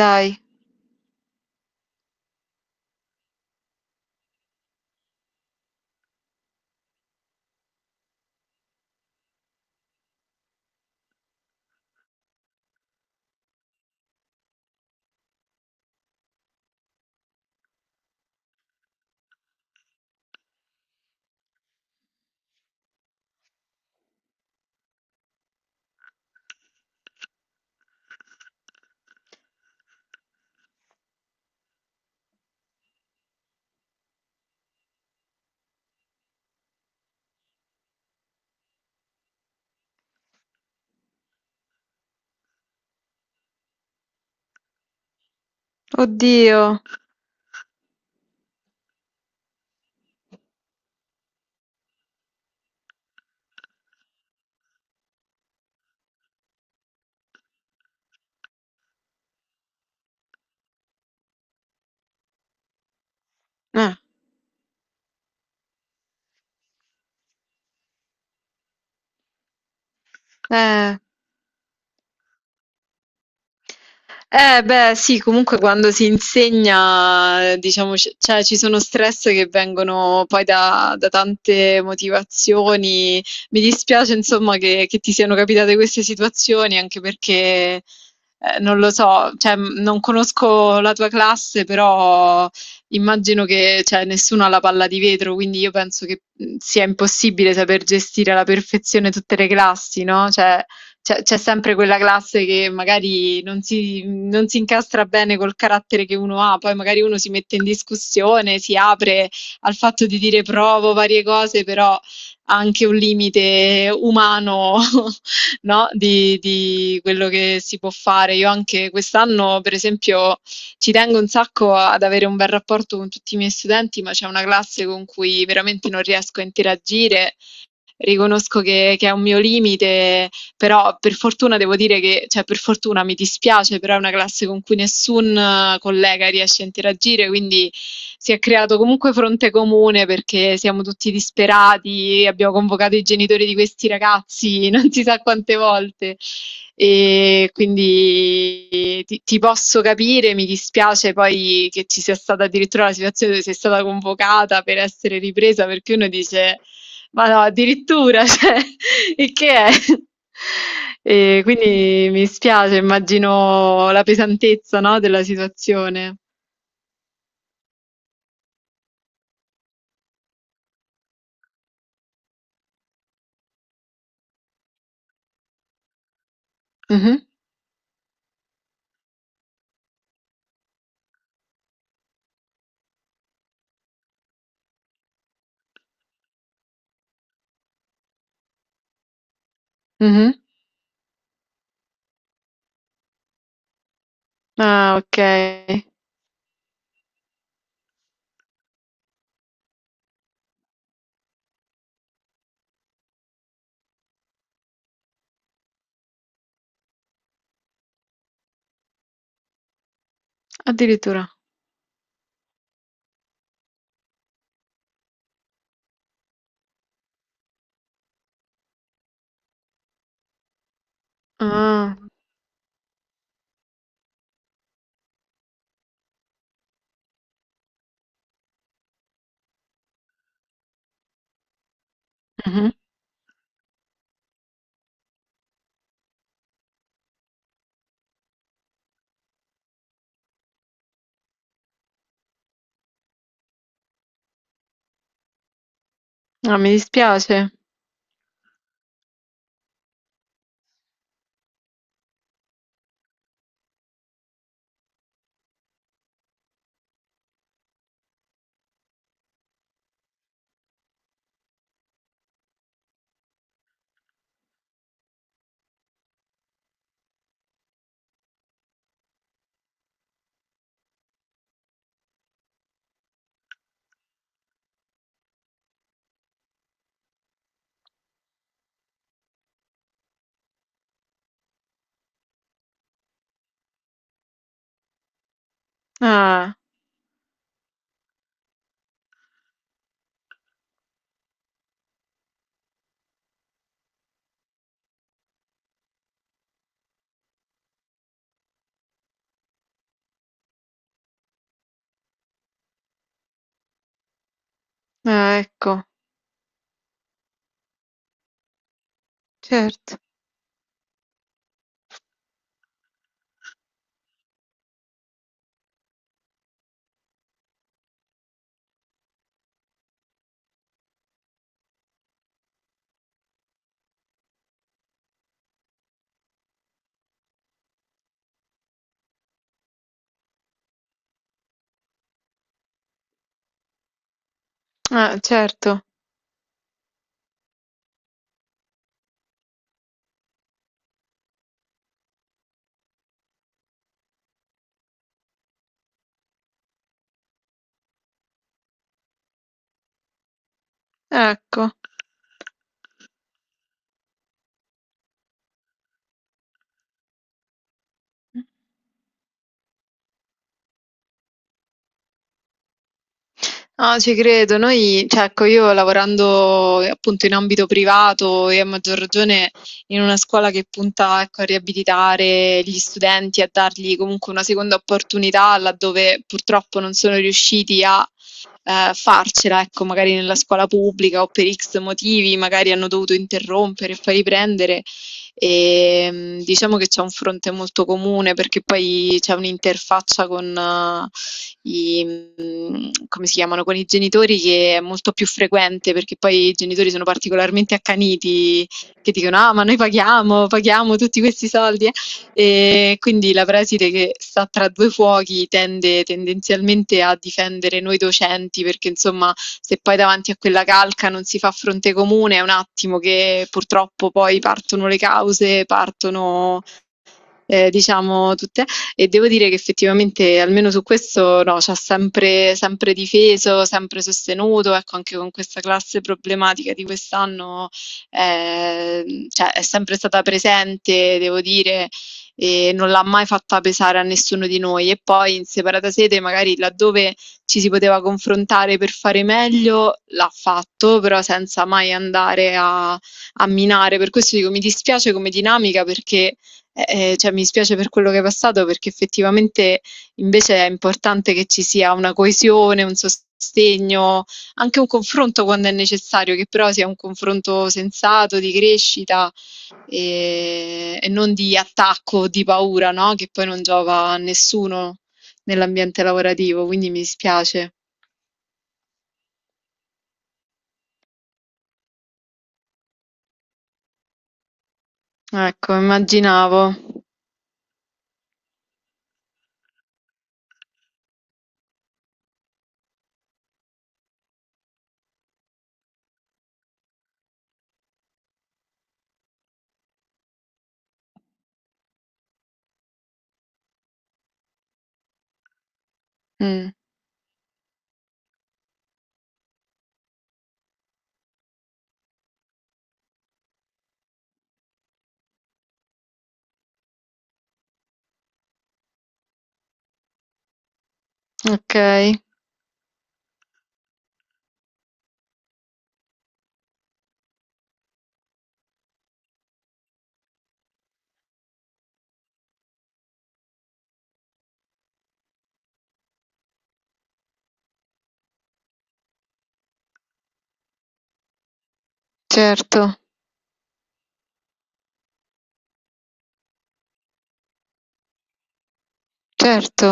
Dai, oddio. Eh, eh. Beh, sì, comunque quando si insegna, diciamo, cioè, ci sono stress che vengono poi da tante motivazioni. Mi dispiace, insomma, che ti siano capitate queste situazioni, anche perché, non lo so, cioè, non conosco la tua classe, però immagino che, cioè, nessuno ha la palla di vetro, quindi io penso che sia impossibile saper gestire alla perfezione tutte le classi, no? Cioè, c'è sempre quella classe che magari non si incastra bene col carattere che uno ha, poi magari uno si mette in discussione, si apre al fatto di dire provo varie cose, però ha anche un limite umano, no, di quello che si può fare. Io anche quest'anno, per esempio, ci tengo un sacco ad avere un bel rapporto con tutti i miei studenti, ma c'è una classe con cui veramente non riesco a interagire. Riconosco che è un mio limite, però per fortuna devo dire che, cioè per fortuna mi dispiace, però è una classe con cui nessun collega riesce a interagire, quindi si è creato comunque fronte comune perché siamo tutti disperati, abbiamo convocato i genitori di questi ragazzi non si sa quante volte. E quindi ti posso capire, mi dispiace poi che ci sia stata addirittura la situazione dove sei stata convocata per essere ripresa, perché uno dice ma no, addirittura, cioè, il che è? E quindi mi spiace, immagino la pesantezza, no, della situazione. Mhm, mhm. Ah, ok. Addirittura. Ah, mhm. Ah, mi dispiace. Ah, ah, ecco, certo. Ah, certo, ecco. No, ci credo. Noi, cioè, ecco, io lavorando appunto in ambito privato e a maggior ragione in una scuola che punta, ecco, a riabilitare gli studenti, a dargli comunque una seconda opportunità laddove purtroppo non sono riusciti a farcela, ecco, magari nella scuola pubblica o per X motivi, magari hanno dovuto interrompere e poi riprendere. Diciamo che c'è un fronte molto comune perché poi c'è un'interfaccia con come si chiamano, con i genitori che è molto più frequente perché poi i genitori sono particolarmente accaniti che dicono: "Ah, ma noi paghiamo, paghiamo tutti questi soldi, eh". E quindi la preside che sta tra 2 fuochi tendenzialmente a difendere noi docenti perché insomma se poi davanti a quella calca non si fa fronte comune è un attimo che purtroppo poi partono le cause, partono diciamo tutte. E devo dire che effettivamente almeno su questo no, c'ha sempre sempre difeso, sempre sostenuto, ecco anche con questa classe problematica di quest'anno, cioè è sempre stata presente, devo dire, e non l'ha mai fatta pesare a nessuno di noi. E poi in separata sede, magari laddove ci si poteva confrontare per fare meglio, l'ha fatto, però senza mai andare a minare. Per questo dico mi dispiace come dinamica perché cioè mi spiace per quello che è passato perché effettivamente invece è importante che ci sia una coesione, un sostegno, anche un confronto quando è necessario, che però sia un confronto sensato, di crescita e non di attacco, di paura, no? Che poi non giova a nessuno nell'ambiente lavorativo, quindi mi dispiace. Ecco, immaginavo. Mm, ok, certo, certo.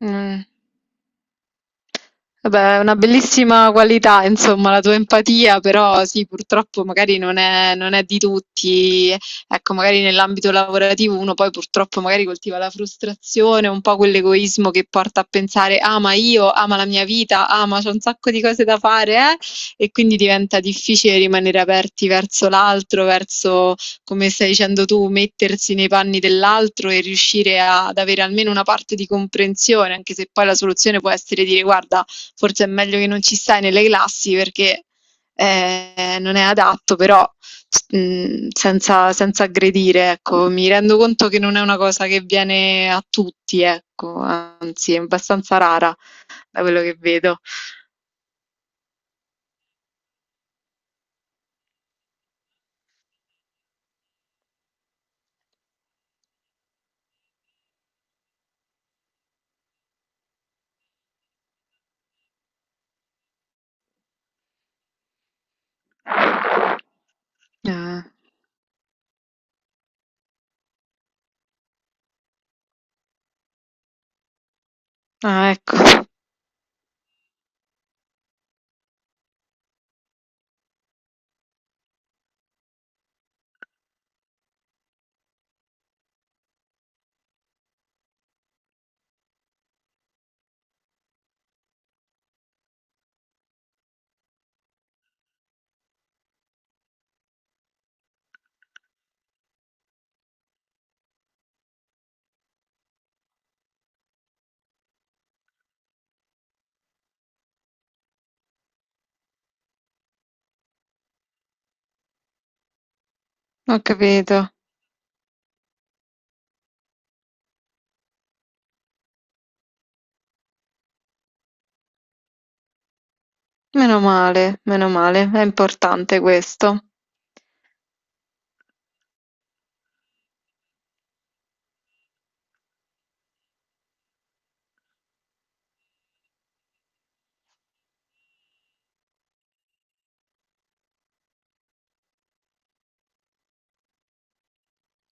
Mm. Vabbè, è una bellissima qualità, insomma, la tua empatia, però sì, purtroppo magari non è di tutti. Ecco, magari nell'ambito lavorativo uno poi purtroppo magari coltiva la frustrazione, un po' quell'egoismo che porta a pensare, ah, ma io, ah, ma la mia vita, ah, ma c'ho un sacco di cose da fare, eh? E quindi diventa difficile rimanere aperti verso l'altro, come stai dicendo tu, mettersi nei panni dell'altro e riuscire ad avere almeno una parte di comprensione, anche se poi la soluzione può essere dire, guarda, forse è meglio che non ci stai nelle classi perché non è adatto, però senza aggredire, ecco, mi rendo conto che non è una cosa che viene a tutti, ecco, anzi è abbastanza rara da quello che vedo. Ah, ah, ecco, ho capito. Meno male, è importante questo.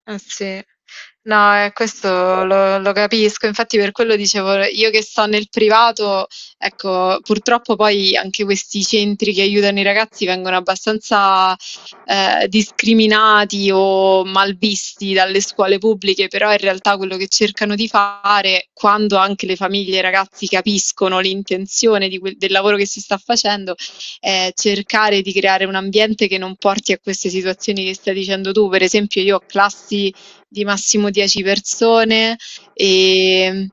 Eh sì, no, questo lo capisco, infatti per quello dicevo io che sto nel privato, ecco, purtroppo poi anche questi centri che aiutano i ragazzi vengono abbastanza discriminati o malvisti dalle scuole pubbliche, però in realtà quello che cercano di fare, quando anche le famiglie e i ragazzi capiscono l'intenzione di del lavoro che si sta facendo, cercare di creare un ambiente che non porti a queste situazioni che stai dicendo tu. Per esempio, io ho classi di massimo 10 persone e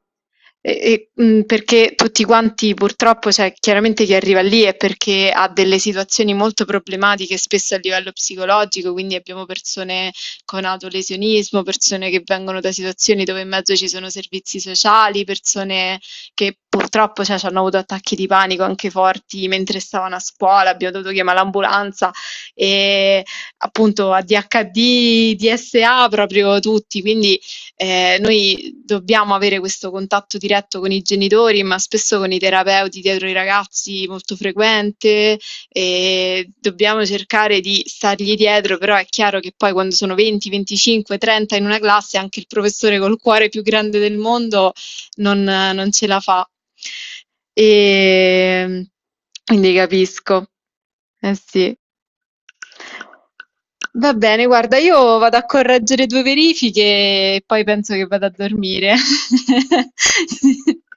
perché tutti quanti purtroppo, cioè, chiaramente chi arriva lì è perché ha delle situazioni molto problematiche, spesso a livello psicologico, quindi abbiamo persone con autolesionismo, persone che vengono da situazioni dove in mezzo ci sono servizi sociali, persone che purtroppo, cioè, c'hanno avuto attacchi di panico anche forti mentre stavano a scuola, abbiamo dovuto chiamare l'ambulanza e appunto ADHD, DSA proprio tutti, quindi noi dobbiamo avere questo contatto diretto con i genitori, ma spesso con i terapeuti dietro i ragazzi molto frequente e dobbiamo cercare di stargli dietro, però è chiaro che poi quando sono 20, 25, 30 in una classe anche il professore col cuore più grande del mondo non ce la fa. E quindi capisco. Eh sì. Va bene, guarda, io vado a correggere due verifiche e poi penso che vado a dormire.